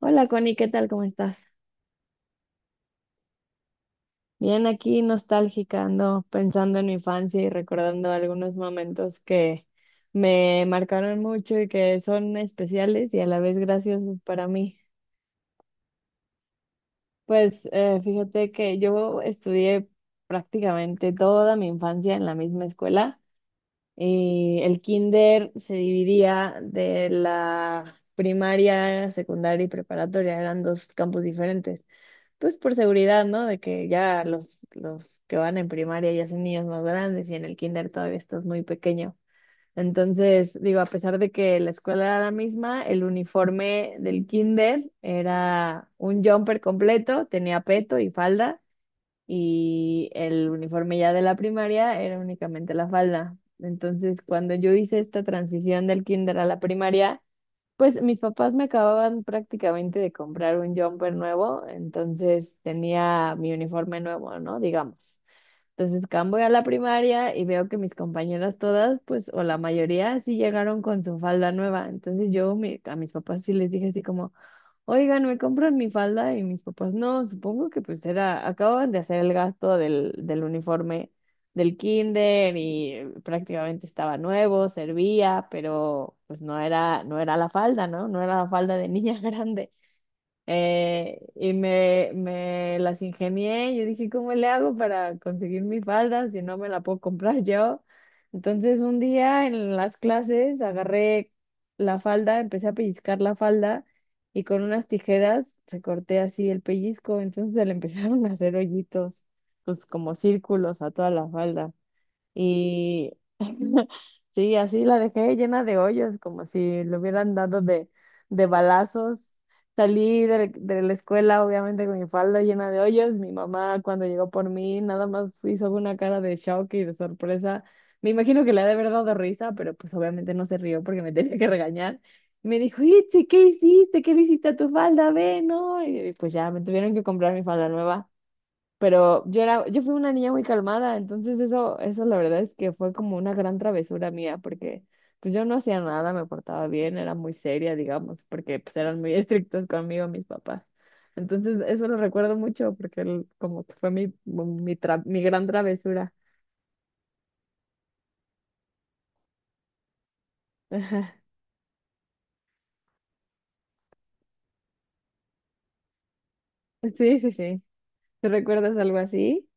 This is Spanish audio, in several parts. Hola Connie, ¿qué tal? ¿Cómo estás? Bien, aquí nostálgica, ando pensando en mi infancia y recordando algunos momentos que me marcaron mucho y que son especiales y a la vez graciosos para mí. Pues fíjate que yo estudié prácticamente toda mi infancia en la misma escuela y el kinder se dividía de la primaria, secundaria y preparatoria, eran dos campus diferentes. Pues por seguridad, ¿no? De que ya los que van en primaria ya son niños más grandes y en el kinder todavía estás muy pequeño. Entonces, digo, a pesar de que la escuela era la misma, el uniforme del kinder era un jumper completo, tenía peto y falda, y el uniforme ya de la primaria era únicamente la falda. Entonces, cuando yo hice esta transición del kinder a la primaria, pues mis papás me acababan prácticamente de comprar un jumper nuevo, entonces tenía mi uniforme nuevo, ¿no? Digamos. Entonces, voy a la primaria y veo que mis compañeras todas, pues, o la mayoría, sí llegaron con su falda nueva. Entonces a mis papás sí les dije así como, oigan, ¿me compran mi falda? Y mis papás, no, supongo que pues era, acaban de hacer el gasto del uniforme del kinder y prácticamente estaba nuevo, servía, pero pues no era la falda, ¿no? No era la falda de niña grande. Me las ingenié. Yo dije, ¿cómo le hago para conseguir mi falda si no me la puedo comprar yo? Entonces un día en las clases agarré la falda, empecé a pellizcar la falda y con unas tijeras recorté así el pellizco. Entonces se le empezaron a hacer hoyitos, pues como círculos a toda la falda. Y sí, así la dejé llena de hoyos, como si le hubieran dado de balazos. Salí de la escuela, obviamente, con mi falda llena de hoyos. Mi mamá, cuando llegó por mí, nada más hizo una cara de shock y de sorpresa. Me imagino que le ha de haber dado risa, pero pues obviamente no se rió porque me tenía que regañar. Y me dijo, Itzi, ¿qué hiciste? ¿Qué le hiciste a tu falda? Ve, no. Y pues ya, me tuvieron que comprar mi falda nueva. Pero yo fui una niña muy calmada, entonces eso la verdad es que fue como una gran travesura mía, porque pues yo no hacía nada, me portaba bien, era muy seria, digamos, porque pues eran muy estrictos conmigo mis papás. Entonces eso lo recuerdo mucho, porque como que fue mi gran travesura. Ajá. Sí, sí, sí. ¿Tú recuerdas algo así?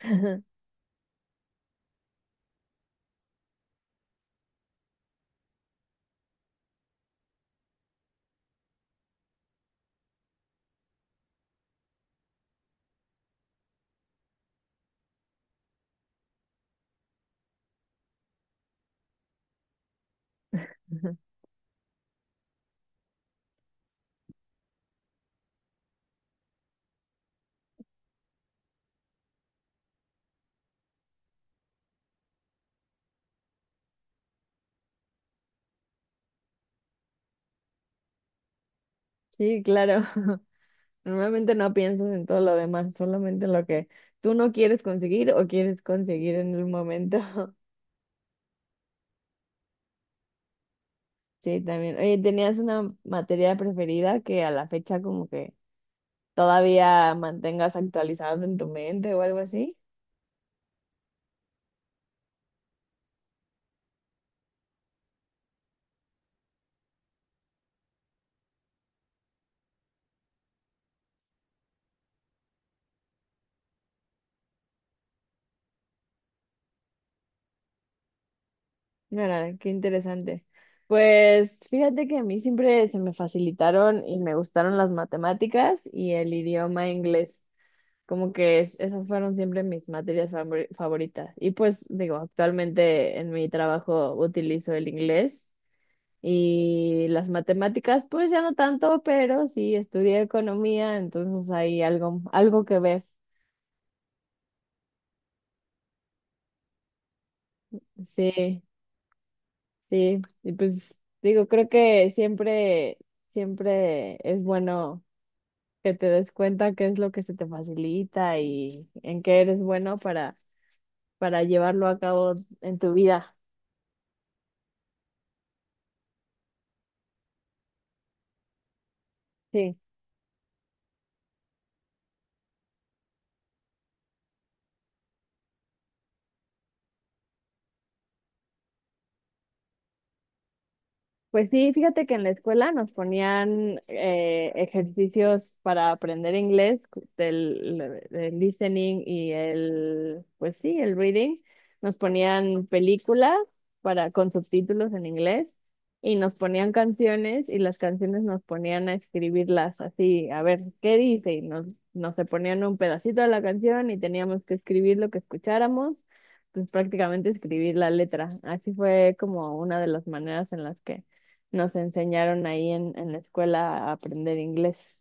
Sí, claro. Normalmente no piensas en todo lo demás, solamente en lo que tú no quieres conseguir o quieres conseguir en el momento. Sí, también. Oye, ¿tenías una materia preferida que a la fecha como que todavía mantengas actualizada en tu mente o algo así? Mira, qué interesante. Pues fíjate que a mí siempre se me facilitaron y me gustaron las matemáticas y el idioma inglés. Como que esas fueron siempre mis materias favoritas. Y pues digo, actualmente en mi trabajo utilizo el inglés. Y las matemáticas, pues ya no tanto, pero sí estudié economía, entonces hay algo, algo que ver. Sí, sí. Y pues digo, creo que siempre es bueno que te des cuenta qué es lo que se te facilita y en qué eres bueno para llevarlo a cabo en tu vida. Sí. Pues sí, fíjate que en la escuela nos ponían ejercicios para aprender inglés, del listening y el, pues sí, el reading. Nos ponían películas para, con subtítulos en inglés y nos ponían canciones y las canciones nos ponían a escribirlas así, a ver qué dice. Y nos se ponían un pedacito de la canción y teníamos que escribir lo que escucháramos, pues prácticamente escribir la letra. Así fue como una de las maneras en las que nos enseñaron ahí en la escuela a aprender inglés.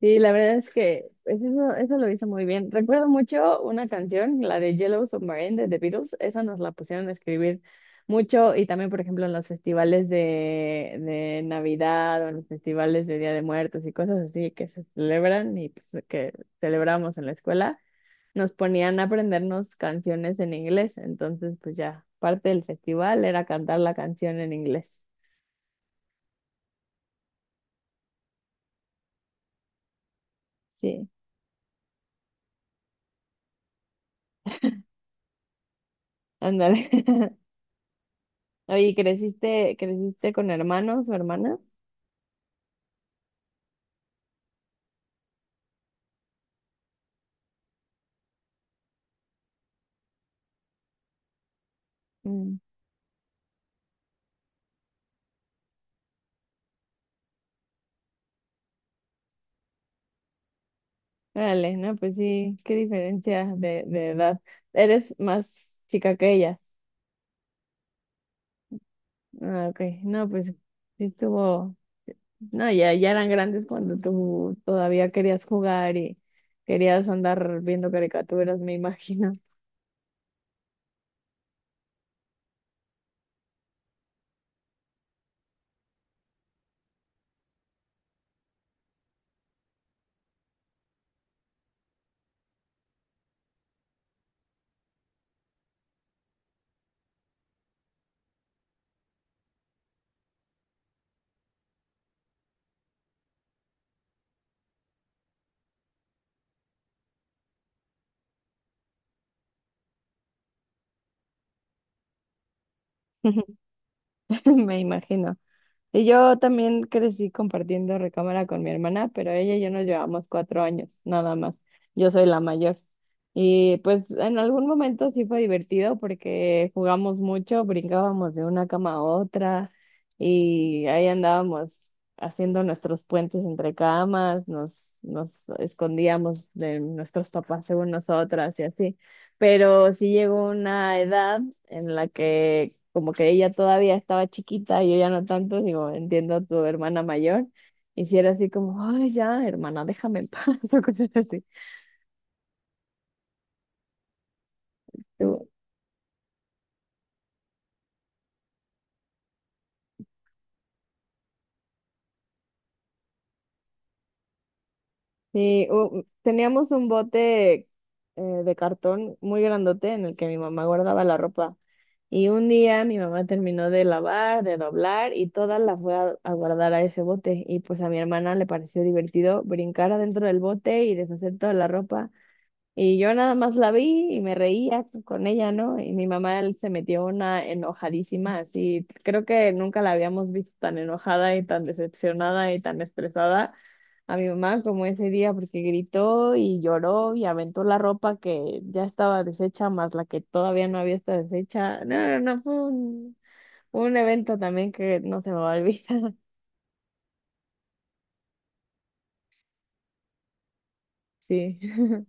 Sí, la verdad es que pues, eso lo hizo muy bien. Recuerdo mucho una canción, la de Yellow Submarine de The Beatles, esa nos la pusieron a escribir mucho y también, por ejemplo, en los festivales de Navidad o en los festivales de Día de Muertos y cosas así que se celebran y pues, que celebramos en la escuela, nos ponían a aprendernos canciones en inglés. Entonces, pues ya, parte del festival era cantar la canción en inglés. Sí. Ándale. Oye, creciste con hermanos o hermanas? Mm. Órale, no, pues sí, qué diferencia de edad. Eres más chica que ellas. Ah, ok. No, pues sí estuvo. No, ya, ya eran grandes cuando tú todavía querías jugar y querías andar viendo caricaturas, me imagino. Me imagino. Y yo también crecí compartiendo recámara con mi hermana, pero ella y yo nos llevamos 4 años, nada más. Yo soy la mayor. Y pues en algún momento sí fue divertido porque jugamos mucho, brincábamos de una cama a otra y ahí andábamos haciendo nuestros puentes entre camas, nos escondíamos de nuestros papás según nosotras y así. Pero sí llegó una edad en la que como que ella todavía estaba chiquita y yo ya no tanto, digo, entiendo a tu hermana mayor, y si era así como, ay, ya, hermana, déjame en paz, o cosas así. Tú- Sí, teníamos un bote de cartón muy grandote en el que mi mamá guardaba la ropa. Y un día mi mamá terminó de lavar, de doblar y toda la fue a guardar a ese bote. Y pues a mi hermana le pareció divertido brincar adentro del bote y deshacer toda la ropa. Y yo nada más la vi y me reía con ella, ¿no? Y mi mamá él se metió una enojadísima, así, creo que nunca la habíamos visto tan enojada y tan decepcionada y tan estresada a mi mamá como ese día, porque gritó y lloró y aventó la ropa que ya estaba deshecha, más la que todavía no había estado deshecha. No, no, no, fue un evento también que no se me va a olvidar. Sí.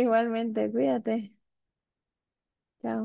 Igualmente, cuídate. Chao.